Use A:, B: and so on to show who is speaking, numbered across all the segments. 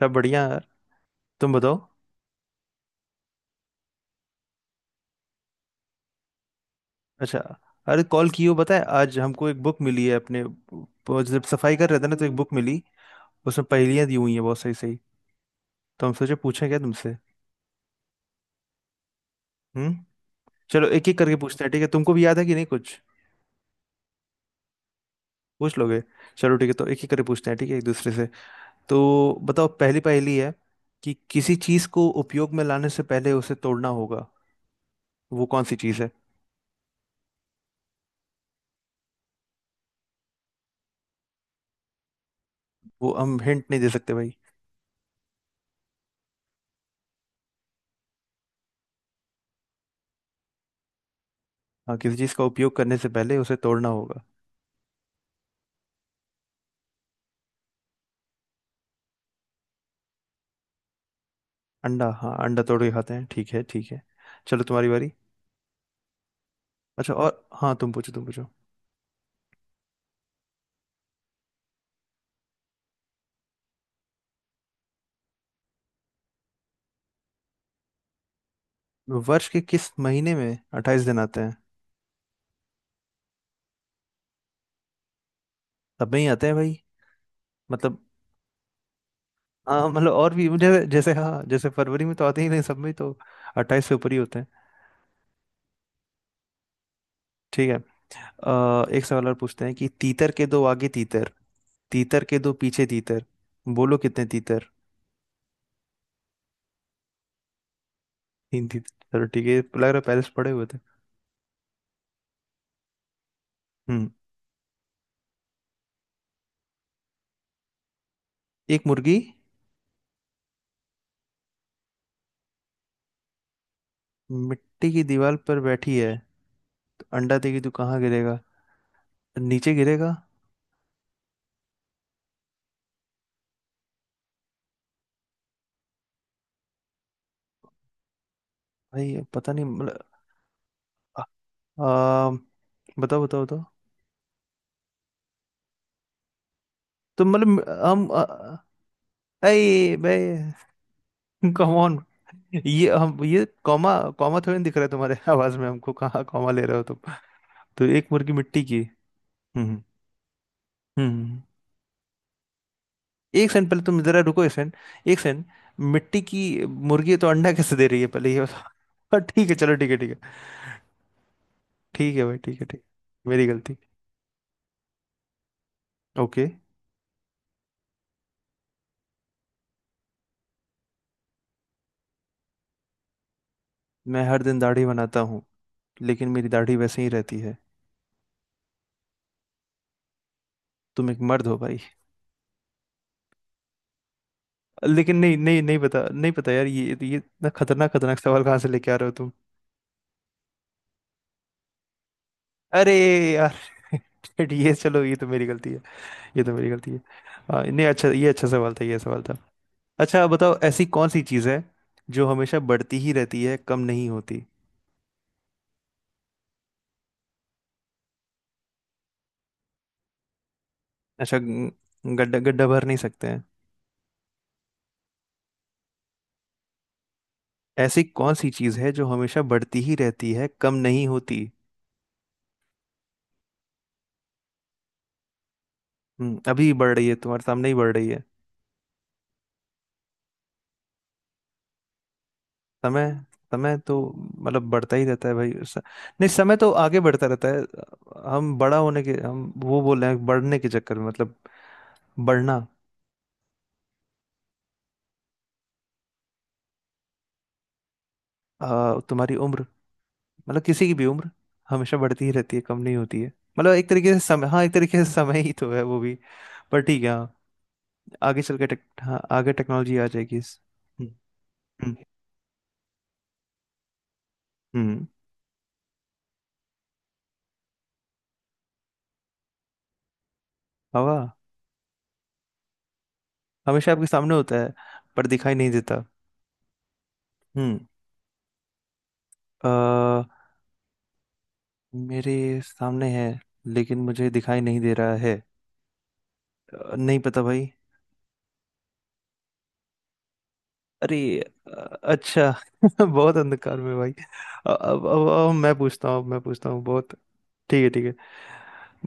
A: सब बढ़िया यार। तुम बताओ। अच्छा। अरे कॉल की हो, पता है आज हमको एक बुक मिली है, अपने वो जब सफाई कर रहे थे ना तो एक बुक मिली। उसमें पहेलियां दी हुई हैं बहुत सही सही। तो हम सोचे पूछें क्या तुमसे। हम्म। चलो एक एक करके पूछते हैं, ठीक है, तुमको भी याद है कि नहीं कुछ। पूछ लोगे। चलो ठीक है, तो एक एक करके पूछते हैं, ठीक है, एक दूसरे से। तो बताओ पहली पहेली है, कि किसी चीज को उपयोग में लाने से पहले उसे तोड़ना होगा। वो कौन सी चीज है। वो हम हिंट नहीं दे सकते भाई। हाँ, किसी चीज का उपयोग करने से पहले उसे तोड़ना होगा। अंडा, हाँ अंडा तोड़ के खाते हैं, ठीक है ठीक है। चलो तुम्हारी बारी। अच्छा, और हाँ तुम पूछो तुम पूछो। वर्ष के किस महीने में 28 दिन आते हैं। सब में ही आते हैं भाई। मतलब। हाँ मतलब, और भी मुझे जैसे, हाँ जैसे फरवरी में तो आते ही नहीं, सब में ही तो 28 से ऊपर ही होते हैं। ठीक है, एक सवाल और पूछते हैं, कि तीतर के दो आगे तीतर, तीतर के दो पीछे तीतर, बोलो कितने तीतर। तीन तीतर, चलो ठीक है, ये लग रहा है पहले से पढ़े हुए थे। हम्म। एक मुर्गी मिट्टी की दीवार पर बैठी है, तो अंडा देगी तो कहाँ गिरेगा? नीचे गिरेगा। भाई पता नहीं, मतलब आ, आ, बताओ बताओ बताओ। तो मतलब हम अरे भाई, कम ऑन। ये हम, ये कॉमा, कॉमा थोड़ी ना दिख रहा है तुम्हारे आवाज में, हमको कहाँ कॉमा ले रहे हो तुम। तो एक मुर्गी मिट्टी की। हम्म हम्म हम्म, हम्म, हम्म। एक सेकंड, पहले तुम जरा रुको, एक सेकंड, एक सेकंड, मिट्टी की मुर्गी है तो अंडा कैसे दे रही है, पहले ये बताओ। ठीक है चलो, ठीक है ठीक है। ठीक है भाई ठीक है, ठीक है मेरी गलती। ओके। मैं हर दिन दाढ़ी बनाता हूँ, लेकिन मेरी दाढ़ी वैसे ही रहती है। तुम एक मर्द हो भाई। लेकिन नहीं नहीं, नहीं पता, नहीं पता यार, ये इतना खतरनाक खतरनाक सवाल कहाँ से लेके आ रहे हो तुम। अरे यार, ये चलो, ये तो मेरी गलती है, ये तो मेरी गलती है। हाँ, नहीं अच्छा ये, अच्छा सवाल था, ये सवाल था। अच्छा बताओ, ऐसी कौन सी चीज़ है जो हमेशा बढ़ती ही रहती है, कम नहीं होती। अच्छा, गड्ढा, गड्ढा भर नहीं सकते हैं। ऐसी कौन सी चीज़ है जो हमेशा बढ़ती ही रहती है, कम नहीं होती। अभी बढ़ रही है, तुम्हारे सामने ही बढ़ रही है। समय। समय तो मतलब बढ़ता ही रहता है भाई, नहीं, समय तो आगे बढ़ता रहता है। हम बड़ा होने के, हम वो बोल रहे हैं बढ़ने के चक्कर में, मतलब बढ़ना। तुम्हारी उम्र, मतलब किसी की भी उम्र हमेशा बढ़ती ही रहती है, कम नहीं होती है। मतलब एक तरीके से समय, हाँ एक तरीके से समय ही तो है वो भी, पर ठीक है हाँ। आगे चल के हाँ, आगे टेक्नोलॉजी आ जाएगी इस। हम्म हम्म हम्म, हवा। हमेशा आपके सामने होता है, पर दिखाई नहीं देता। हम्म, मेरे सामने है, लेकिन मुझे दिखाई नहीं दे रहा है। नहीं पता भाई। अरे, अ, अच्छा, बहुत अंधकार में भाई। अब मैं पूछता हूँ, अब मैं पूछता हूँ बहुत। ठीक है ठीक है,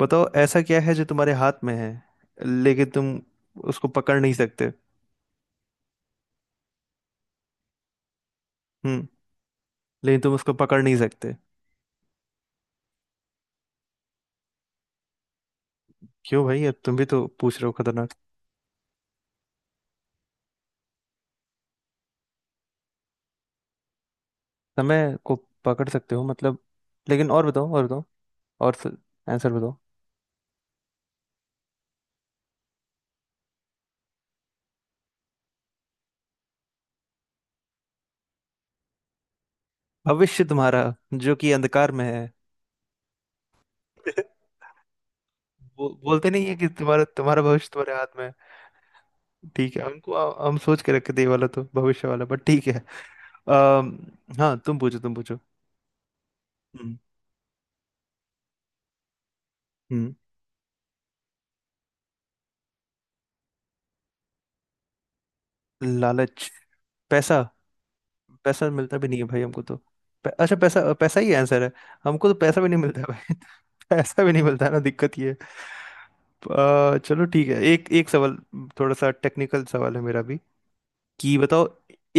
A: बताओ ऐसा क्या है जो तुम्हारे हाथ में है लेकिन तुम उसको पकड़ नहीं सकते। हम्म, लेकिन तुम उसको पकड़ नहीं सकते। क्यों भाई, अब तुम भी तो पूछ रहे हो खतरनाक। समय को पकड़ सकते हो मतलब, लेकिन और बताओ, और बताओ, और, आंसर बताओ। भविष्य तुम्हारा, जो कि अंधकार में है। वो बोलते नहीं है कि तुम्हारा तुम्हारा भविष्य तुम्हारे हाथ में है। ठीक है हमको, हम सोच के रखे थे ये वाला, तो भविष्य वाला बट ठीक है। हाँ, तुम पूछो तुम पूछो। हम्म, हम्म। लालच, पैसा। पैसा मिलता भी नहीं है भाई हमको तो। अच्छा पैसा, पैसा ही आंसर है। हमको तो पैसा भी नहीं मिलता है भाई, पैसा भी नहीं मिलता है ना, दिक्कत ये है। चलो ठीक है, एक एक सवाल। थोड़ा सा टेक्निकल सवाल है मेरा भी। कि बताओ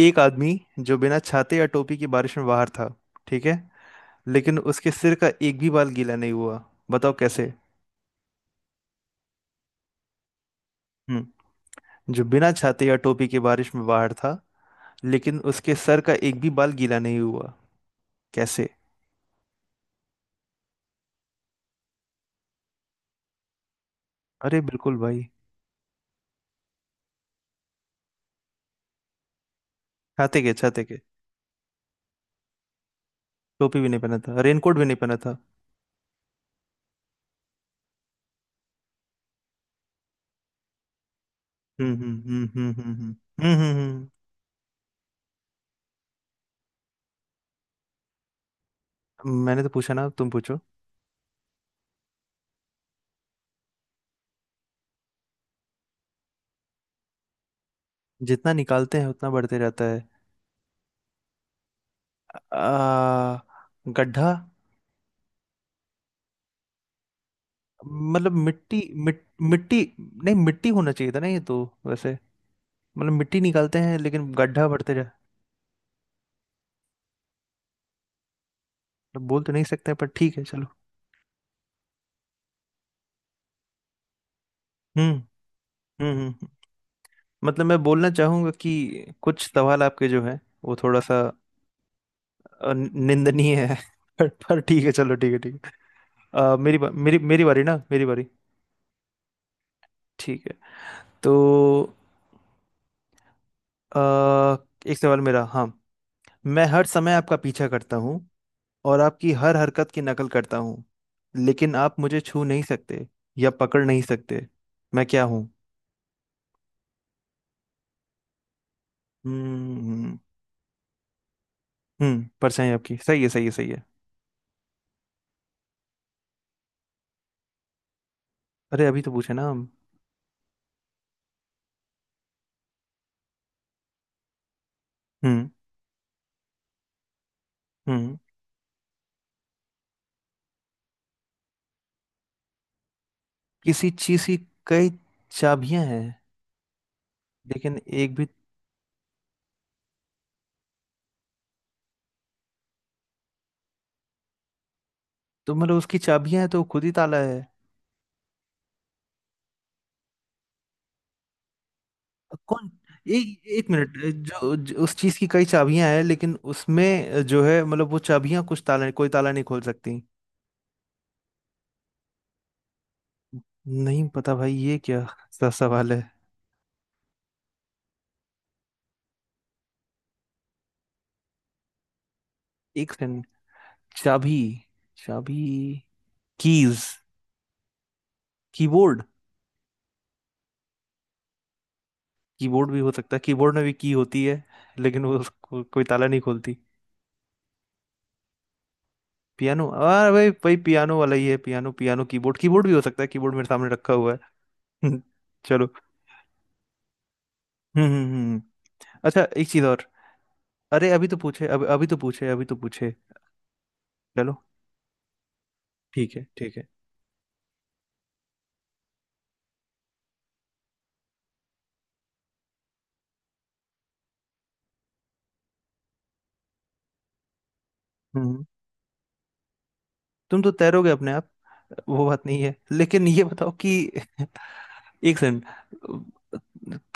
A: एक आदमी जो बिना छाते या टोपी के बारिश में बाहर था, ठीक है, लेकिन उसके सिर का एक भी बाल गीला नहीं हुआ, बताओ कैसे। हम्म, जो बिना छाते या टोपी के बारिश में बाहर था, लेकिन उसके सर का एक भी बाल गीला नहीं हुआ, कैसे? अरे बिल्कुल भाई। छाते के, छाते के, टोपी भी नहीं पहना था, रेनकोट भी नहीं पहना था। हम्म हम्म हम्म हम्म हम्म हम्म हम्म, हम्म, मैंने तो पूछा ना, अब तुम पूछो। जितना निकालते हैं उतना बढ़ते रहता है। आ, गड्ढा। मतलब मिट्टी मिट्टी नहीं, मिट्टी होना चाहिए था ना, ये तो वैसे। मतलब मिट्टी निकालते हैं लेकिन गड्ढा बढ़ते। बोल तो नहीं सकते, पर ठीक है चलो। हम्म हम्म हम्म। मतलब मैं बोलना चाहूंगा कि कुछ सवाल आपके जो है, वो थोड़ा सा निंदनीय है। पर ठीक है, चलो ठीक है ठीक है। मेरी मेरी बारी ना, मेरी बारी। ठीक है, तो अ, एक सवाल मेरा, हाँ। मैं हर समय आपका पीछा करता हूँ, और आपकी हर हरकत की नकल करता हूँ, लेकिन आप मुझे छू नहीं सकते या पकड़ नहीं सकते। मैं क्या हूँ? हम्म हम्म, परछाई आपकी। सही है, सही है, सही है। अरे अभी तो पूछे ना हम। हम्म, हम्म, किसी चीज की कई चाबियां हैं, लेकिन एक भी। तो मतलब उसकी चाबियां हैं तो वो खुद ही ताला है। कौन? एक एक मिनट। जो उस चीज की कई चाबियां हैं, लेकिन उसमें जो है, मतलब वो चाबियां कुछ ताला, कोई ताला नहीं खोल सकती। नहीं पता भाई, ये क्या सा सवाल है। एक सेकंड, चाबी, चाबी, कीज, कीबोर्ड। कीबोर्ड भी हो सकता है, कीबोर्ड में भी की होती है, लेकिन वो उसको कोई ताला नहीं खोलती। पियानो, हाँ भाई भाई, पियानो वाला ही है, पियानो पियानो कीबोर्ड, कीबोर्ड भी हो सकता है, कीबोर्ड मेरे सामने रखा हुआ है। चलो। हम्म हम्म हम्म हम्म। अच्छा एक चीज और। अरे अभी तो पूछे, अभी अभी तो पूछे, अभी तो पूछे। चलो ठीक है ठीक है। हम्म, तुम तो तैरोगे अपने आप। वो बात नहीं है, लेकिन ये बताओ कि एक सेकंड,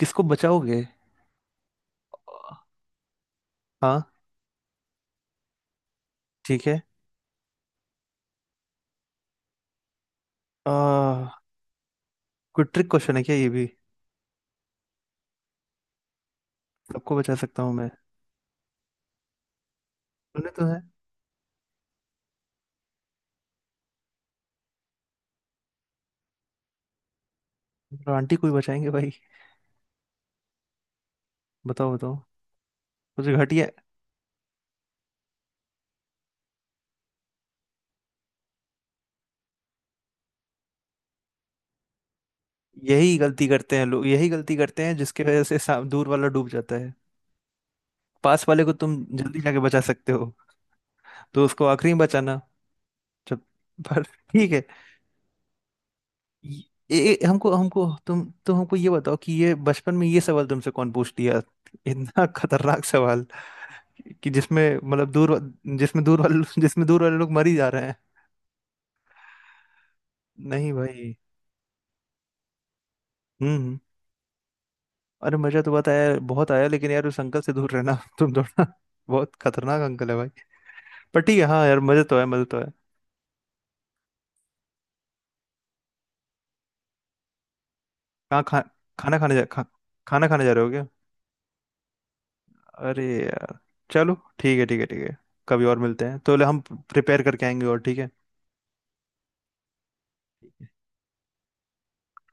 A: किसको बचाओगे। हाँ ठीक है, आ, कोई ट्रिक क्वेश्चन है क्या ये भी? सबको बचा सकता हूँ मैं। सुने तो है। आंटी कोई बचाएंगे भाई। बताओ बताओ। कुछ घटिया। यही गलती करते हैं लोग, यही गलती करते हैं जिसकी वजह से दूर वाला डूब जाता है। पास वाले को तुम जल्दी जाके बचा सकते हो, तो उसको आखिरी में बचाना जब। पर ठीक है। हमको हमको तुम हमको ये बताओ, कि ये बचपन में ये सवाल तुमसे कौन पूछ लिया, इतना खतरनाक सवाल, कि जिसमें मतलब जिसमें दूर वाले लोग मर ही जा रहे हैं। नहीं भाई। हम्म। अरे मजा तो बहुत आया, बहुत आया, लेकिन यार उस अंकल से दूर रहना, तुम थोड़ा। बहुत खतरनाक अंकल है भाई। पर ठीक है हाँ, यार मजे तो है, मजे तो है। कहाँ खा खाना खाने खाना खाने जा रहे हो क्या? अरे यार, चलो ठीक है ठीक है ठीक है। कभी और मिलते हैं तो ले, हम प्रिपेयर करके आएंगे और, ठीक है।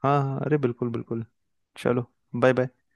A: हाँ हाँ अरे, बिल्कुल बिल्कुल। चलो बाय बाय।